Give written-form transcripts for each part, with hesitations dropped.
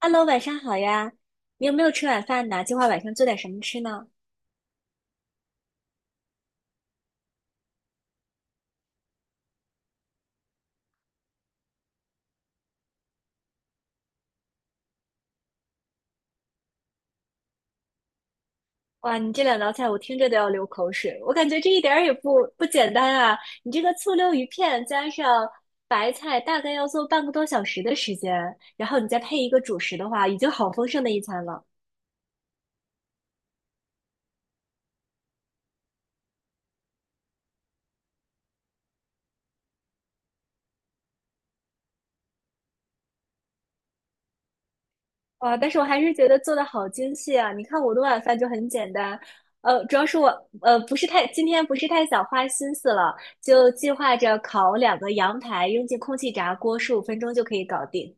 Hello，晚上好呀！你有没有吃晚饭呢？计划晚上做点什么吃呢？哇，你这两道菜我听着都要流口水，我感觉这一点儿也不简单啊！你这个醋溜鱼片加上白菜，大概要做半个多小时的时间，然后你再配一个主食的话，已经好丰盛的一餐了。哇，但是我还是觉得做的好精细啊！你看我的晚饭就很简单，主要是我呃不是太今天不是太想花心思了，就计划着烤两个羊排，扔进空气炸锅，十五分钟就可以搞定。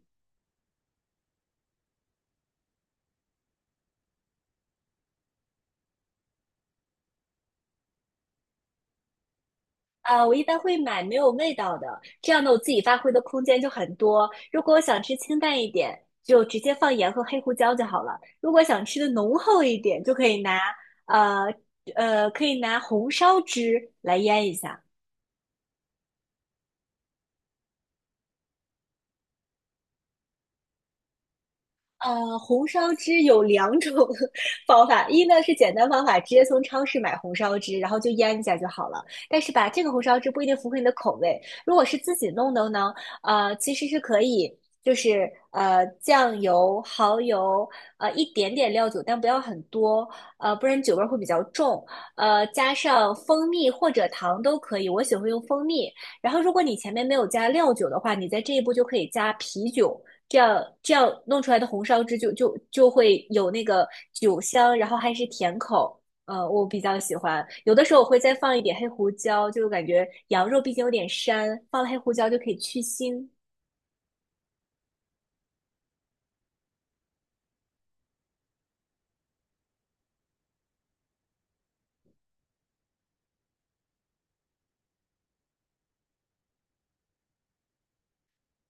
啊，我一般会买没有味道的，这样呢，我自己发挥的空间就很多。如果我想吃清淡一点，就直接放盐和黑胡椒就好了；如果想吃的浓厚一点，就可以呃可以拿红烧汁来腌一下。红烧汁有两种 方法，一呢是简单方法，直接从超市买红烧汁，然后就腌一下就好了。但是吧，这个红烧汁不一定符合你的口味。如果是自己弄的呢，其实是可以，就是酱油、蚝油，一点点料酒，但不要很多，不然酒味儿会比较重。加上蜂蜜或者糖都可以，我喜欢用蜂蜜。然后，如果你前面没有加料酒的话，你在这一步就可以加啤酒。这样弄出来的红烧汁就会有那个酒香，然后还是甜口，我比较喜欢。有的时候我会再放一点黑胡椒，就感觉羊肉毕竟有点膻，放了黑胡椒就可以去腥。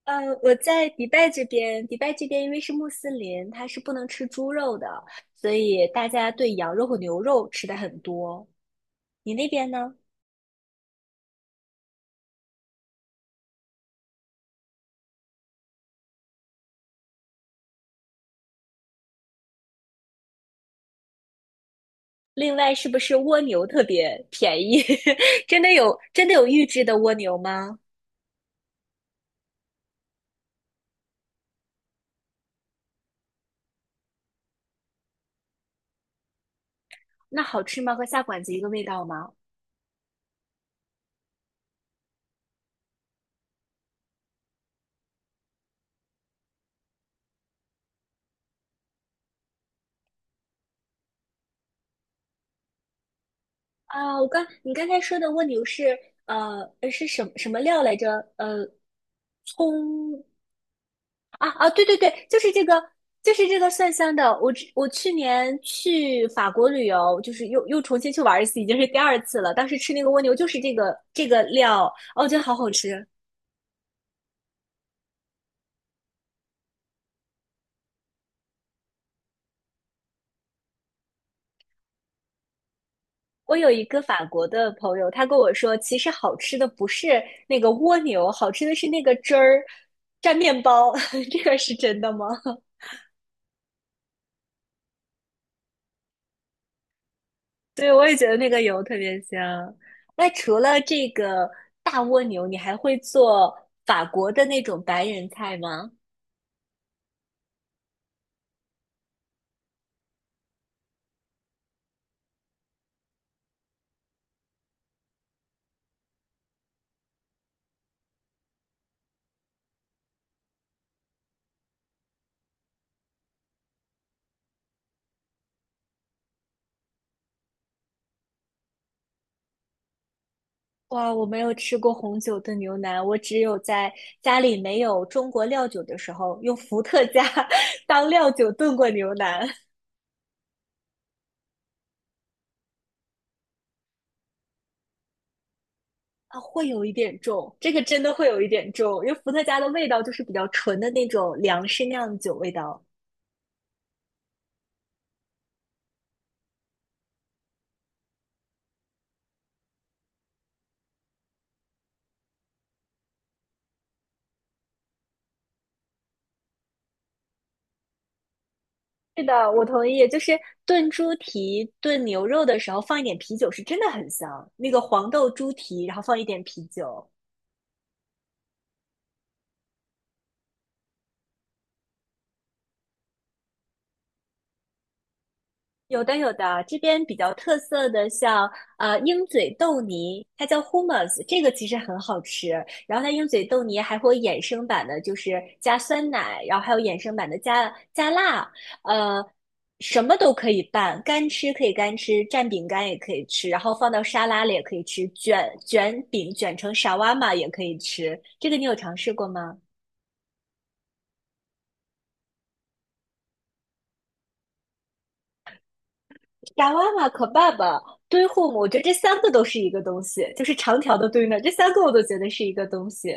呃，我在迪拜这边，迪拜这边因为是穆斯林，它是不能吃猪肉的，所以大家对羊肉和牛肉吃的很多。你那边呢？另外，是不是蜗牛特别便宜？真的有预制的蜗牛吗？那好吃吗？和下馆子一个味道吗？啊，你刚才说的蜗牛是是什么料来着？呃，葱啊啊，对对对，就是这个，就是这个蒜香的。我去年去法国旅游，就是重新去玩一次，已经是第二次了。当时吃那个蜗牛就是这个料，哦，我觉得好好吃。我有一个法国的朋友，他跟我说，其实好吃的不是那个蜗牛，好吃的是那个汁儿蘸面包。这个是真的吗？对，我也觉得那个油特别香。那除了这个大蜗牛，你还会做法国的那种白人菜吗？哇，我没有吃过红酒炖牛腩，我只有在家里没有中国料酒的时候，用伏特加 当料酒炖过牛腩。啊，会有一点重，这个真的会有一点重，因为伏特加的味道就是比较纯的那种粮食酿酒味道。是的，我同意。就是炖猪蹄、炖牛肉的时候放一点啤酒，是真的很香。那个黄豆猪蹄，然后放一点啤酒。有的有的，这边比较特色的像鹰嘴豆泥，它叫 hummus,这个其实很好吃。然后它鹰嘴豆泥还会有衍生版的，就是加酸奶，然后还有衍生版的加辣，呃，什么都可以拌，干吃可以干吃，蘸饼干也可以吃，然后放到沙拉里也可以吃，卷饼卷成沙瓦玛也可以吃。这个你有尝试过吗？炸妈妈、和爸爸、堆护母，我觉得这三个都是一个东西，就是长条的堆呢，这三个我都觉得是一个东西。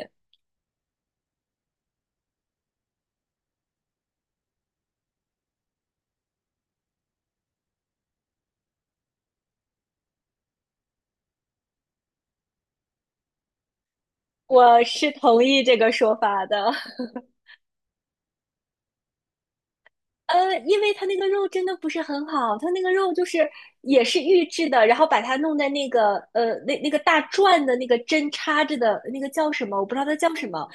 我是同意这个说法的，因为它那个肉真的不是很好，它那个肉就是也是预制的，然后把它弄在那个那个大转的那个针插着的那个叫什么，我不知道它叫什么，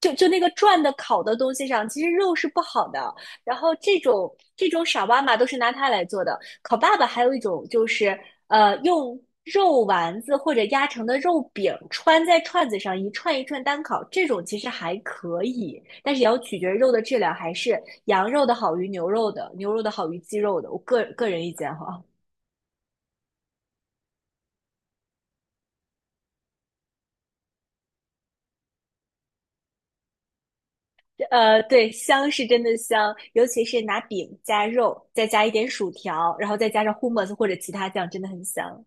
就那个转的烤的东西上，其实肉是不好的。然后这种傻妈妈都是拿它来做的，烤爸爸还有一种就是用肉丸子或者压成的肉饼穿在串子上，一串一串单烤，这种其实还可以，但是也要取决于肉的质量，还是羊肉的好于牛肉的，牛肉的好于鸡肉的。我个人意见哈，对，香是真的香，尤其是拿饼加肉，再加一点薯条，然后再加上 hummus 或者其他酱，真的很香。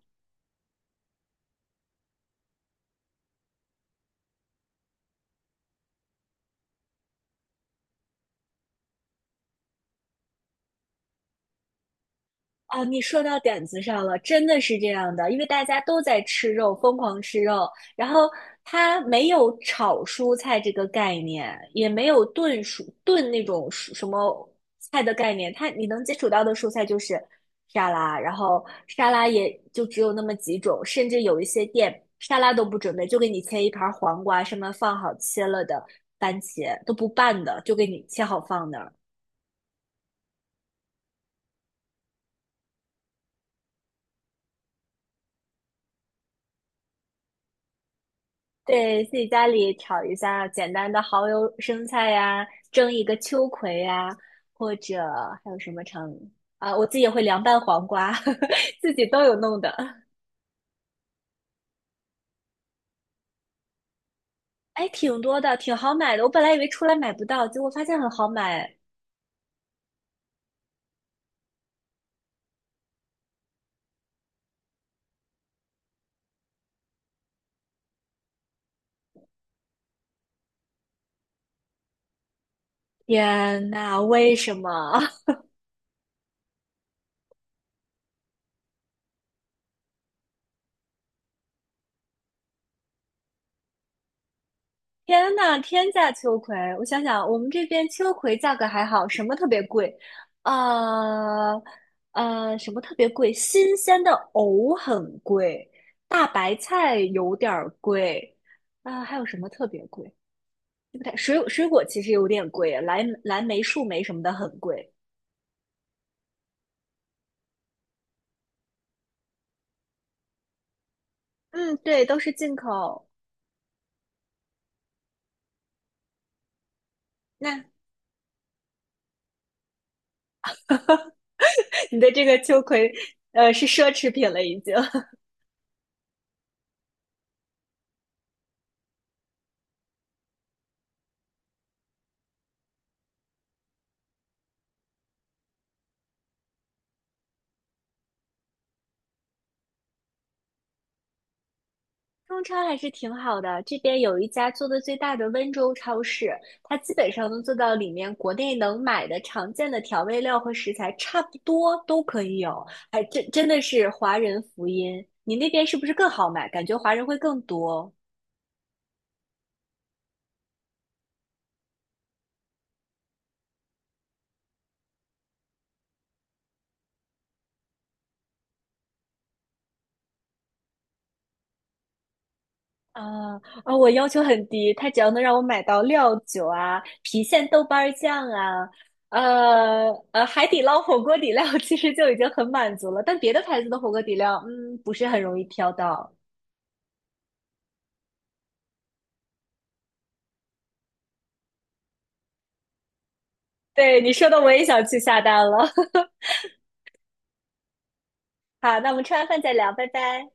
啊，你说到点子上了，真的是这样的，因为大家都在吃肉，疯狂吃肉，然后它没有炒蔬菜这个概念，也没有炖那种蔬什么菜的概念，它你能接触到的蔬菜就是沙拉，然后沙拉也就只有那么几种，甚至有一些店沙拉都不准备，就给你切一盘黄瓜，上面放好切了的番茄，都不拌的，就给你切好放的。对，自己家里炒一下简单的蚝油生菜呀，蒸一个秋葵呀，或者还有什么成啊，我自己也会凉拌黄瓜，自己都有弄的。哎，挺多的，挺好买的。我本来以为出来买不到，结果发现很好买。天呐，为什么？天呐，天价秋葵！我想想，我们这边秋葵价格还好，什么特别贵？呃什么特别贵？新鲜的藕很贵，大白菜有点儿贵，啊、还有什么特别贵？对不对？水果其实有点贵，蓝莓、树莓什么的很贵。嗯，对，都是进口。那 你的这个秋葵，是奢侈品了已经。中超还是挺好的，这边有一家做的最大的温州超市，它基本上能做到里面国内能买的常见的调味料和食材差不多都可以有，还真的是华人福音。你那边是不是更好买？感觉华人会更多啊啊！我要求很低，他只要能让我买到料酒啊、郫县豆瓣儿酱啊、海底捞火锅底料 其实就已经很满足了。但别的牌子的火锅底料，嗯，不是很容易挑到。对你说的，我也想去下单了。好，那我们吃完饭再聊，拜拜。